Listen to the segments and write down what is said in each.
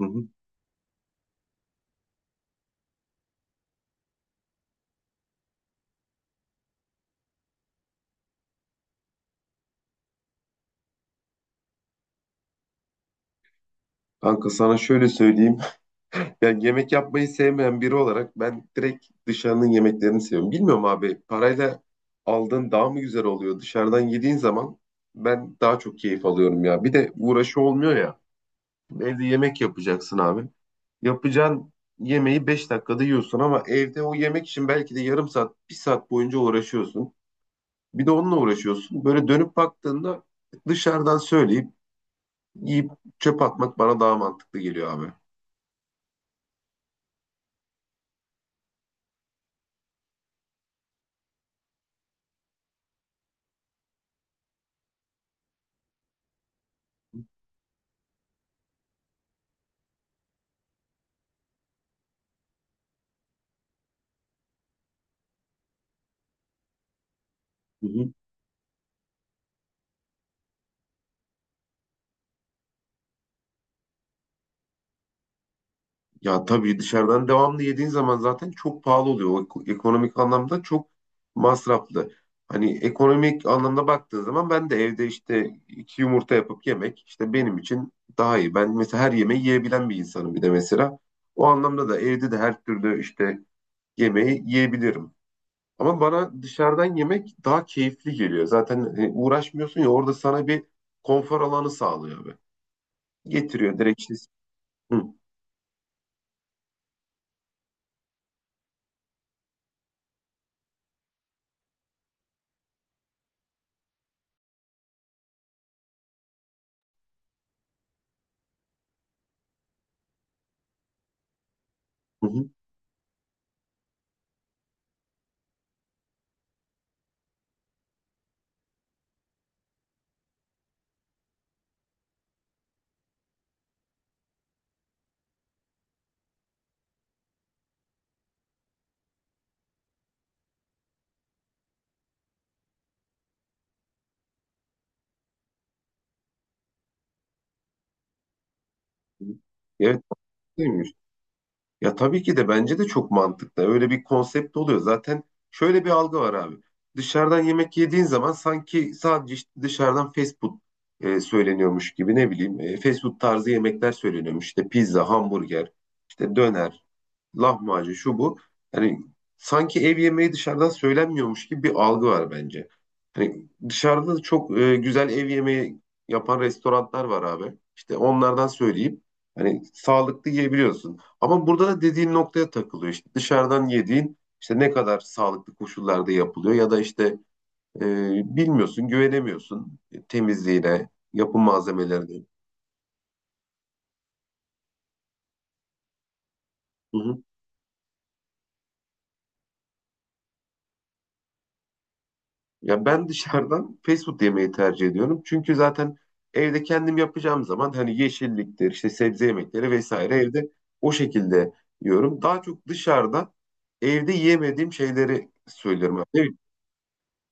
Hı hı. Kanka sana şöyle söyleyeyim. Yani yemek yapmayı sevmeyen biri olarak ben direkt dışarının yemeklerini seviyorum. Bilmiyorum abi parayla aldığın daha mı güzel oluyor? Dışarıdan yediğin zaman ben daha çok keyif alıyorum ya. Bir de uğraşı olmuyor ya. Evde yemek yapacaksın abi. Yapacağın yemeği 5 dakikada yiyorsun ama evde o yemek için belki de yarım saat, bir saat boyunca uğraşıyorsun. Bir de onunla uğraşıyorsun. Böyle dönüp baktığında dışarıdan söyleyip yiyip çöp atmak bana daha mantıklı geliyor abi. Hı hı. Ya tabii dışarıdan devamlı yediğin zaman zaten çok pahalı oluyor. O ekonomik anlamda çok masraflı. Hani ekonomik anlamda baktığın zaman ben de evde işte iki yumurta yapıp yemek işte benim için daha iyi. Ben mesela her yemeği yiyebilen bir insanım bir de mesela. O anlamda da evde de her türlü işte yemeği yiyebilirim. Ama bana dışarıdan yemek daha keyifli geliyor. Zaten uğraşmıyorsun ya, orada sana bir konfor alanı sağlıyor abi. Getiriyor direkt işte. Hı, hı, hı. Evet. Ya tabii ki de bence de çok mantıklı. Öyle bir konsept oluyor. Zaten şöyle bir algı var abi. Dışarıdan yemek yediğin zaman sanki sadece işte dışarıdan fast food söyleniyormuş gibi, ne bileyim fast food tarzı yemekler söyleniyormuş. İşte pizza, hamburger, işte döner, lahmacun şu bu. Hani sanki ev yemeği dışarıdan söylenmiyormuş gibi bir algı var bence. Hani dışarıda da çok güzel ev yemeği yapan restoranlar var abi. İşte onlardan söyleyip hani sağlıklı yiyebiliyorsun. Ama burada da dediğin noktaya takılıyor. İşte dışarıdan yediğin işte ne kadar sağlıklı koşullarda yapılıyor, ya da işte e, bilmiyorsun, güvenemiyorsun temizliğine, yapım malzemelerine. Hı hı. Ya ben dışarıdan fast food yemeyi tercih ediyorum. Çünkü zaten evde kendim yapacağım zaman hani yeşilliktir, işte sebze yemekleri vesaire evde o şekilde yiyorum. Daha çok dışarıda evde yiyemediğim şeyleri söylüyorum. Yani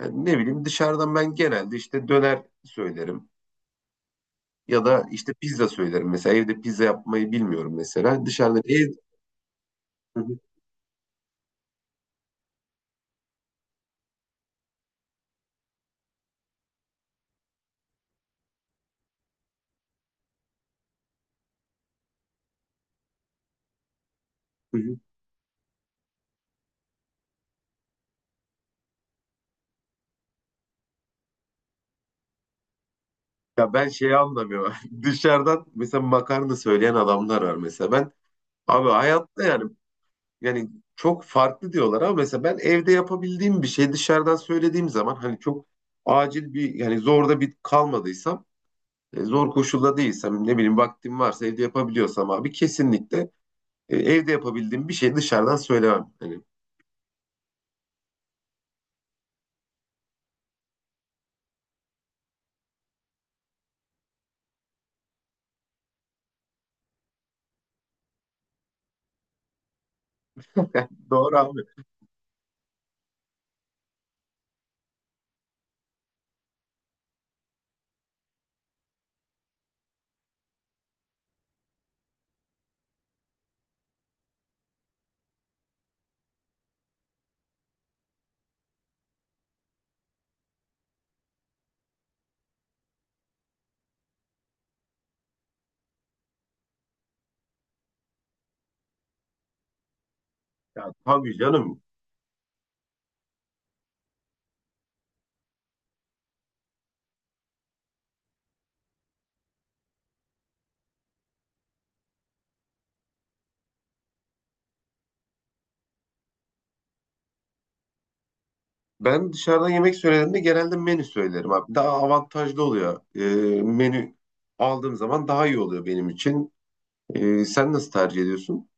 yani ne bileyim, dışarıdan ben genelde işte döner söylerim ya da işte pizza söylerim. Mesela evde pizza yapmayı bilmiyorum mesela. Dışarıda ev. Hı hı, hı hı. Ya ben şeyi anlamıyorum. Dışarıdan mesela makarna söyleyen adamlar var mesela. Ben abi hayatta, yani yani çok farklı diyorlar, ama mesela ben evde yapabildiğim bir şey dışarıdan söylediğim zaman hani çok acil bir yani zorda kalmadıysam, zor koşulda değilsem, ne bileyim vaktim varsa evde yapabiliyorsam abi kesinlikle evde yapabildiğim bir şey dışarıdan söylemem. Hani doğru abi. Ya, tabii canım. Ben dışarıdan yemek söylediğimde genelde menü söylerim abi. Daha avantajlı oluyor. Menü aldığım zaman daha iyi oluyor benim için. Sen nasıl tercih ediyorsun?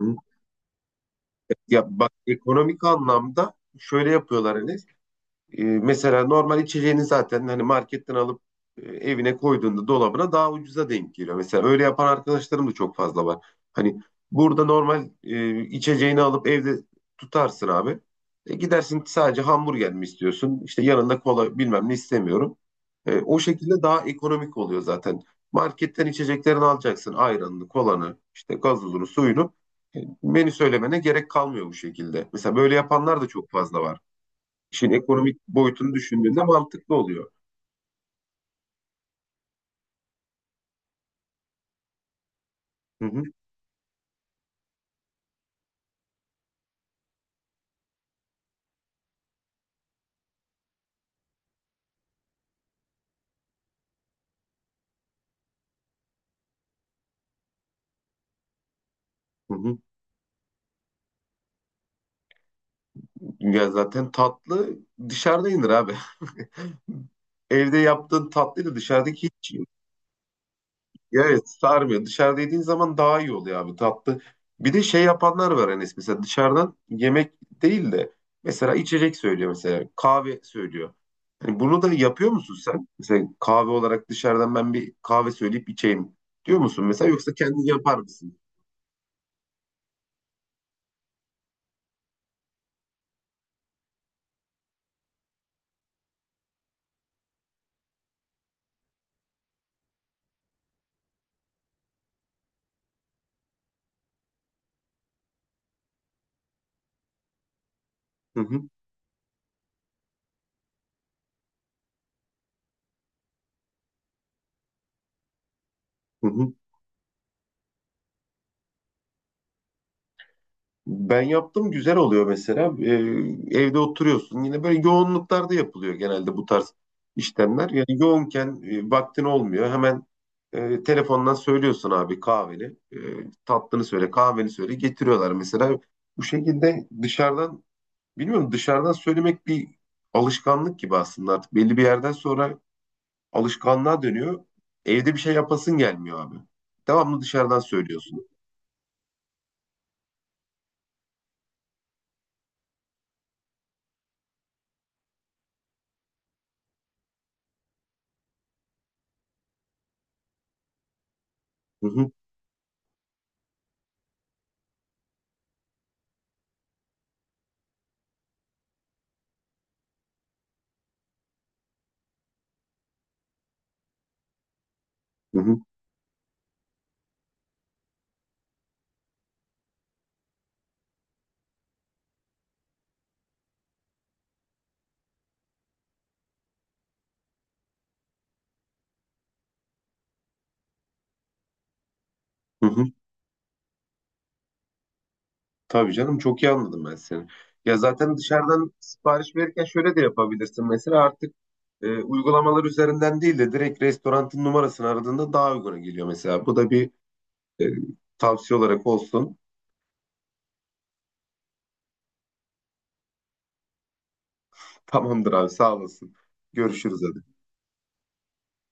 Ya bak, ekonomik anlamda şöyle yapıyorlar Enes. Mesela normal içeceğini zaten hani marketten alıp evine koyduğunda, dolabına, daha ucuza denk geliyor. Mesela öyle yapan arkadaşlarım da çok fazla var. Hani burada normal içeceğini alıp evde tutarsın abi. Gidersin, sadece hamburger mi istiyorsun? İşte yanında kola bilmem ne istemiyorum. O şekilde daha ekonomik oluyor zaten. Marketten içeceklerini alacaksın. Ayranını, kolanı, işte gazozunu, suyunu. Menü söylemene gerek kalmıyor bu şekilde. Mesela böyle yapanlar da çok fazla var. İşin ekonomik boyutunu düşündüğünde mantıklı oluyor. Hı hı, hı hı. Ya zaten tatlı dışarıda yenir abi. Evde yaptığın tatlıyla dışarıdaki hiç, ya evet, sarmıyor. Dışarıda yediğin zaman daha iyi oluyor abi tatlı. Bir de şey yapanlar var Enes, mesela dışarıdan yemek değil de mesela içecek söylüyor, mesela kahve söylüyor. Hani bunu da yapıyor musun sen? Mesela kahve olarak dışarıdan ben bir kahve söyleyip içeyim diyor musun mesela, yoksa kendin yapar mısın? Hı hı, hı hı. Ben yaptım, güzel oluyor mesela. Evde oturuyorsun. Yine böyle yoğunluklarda yapılıyor genelde bu tarz işlemler. Yani yoğunken vaktin olmuyor. Hemen telefondan söylüyorsun abi kahveni. E, Tatlını söyle, kahveni söyle. Getiriyorlar mesela. Bu şekilde dışarıdan, bilmiyorum, dışarıdan söylemek bir alışkanlık gibi aslında artık. Belli bir yerden sonra alışkanlığa dönüyor. Evde bir şey yapasın gelmiyor abi. Devamlı dışarıdan söylüyorsun. Hı hı, hı hı, hı hı. Tabii canım, çok iyi anladım ben seni. Ya zaten dışarıdan sipariş verirken şöyle de yapabilirsin. Mesela artık uygulamalar üzerinden değil de direkt restoranın numarasını aradığında daha uyguna geliyor mesela. Bu da bir e, tavsiye olarak olsun. Tamamdır abi sağ olasın. Görüşürüz hadi.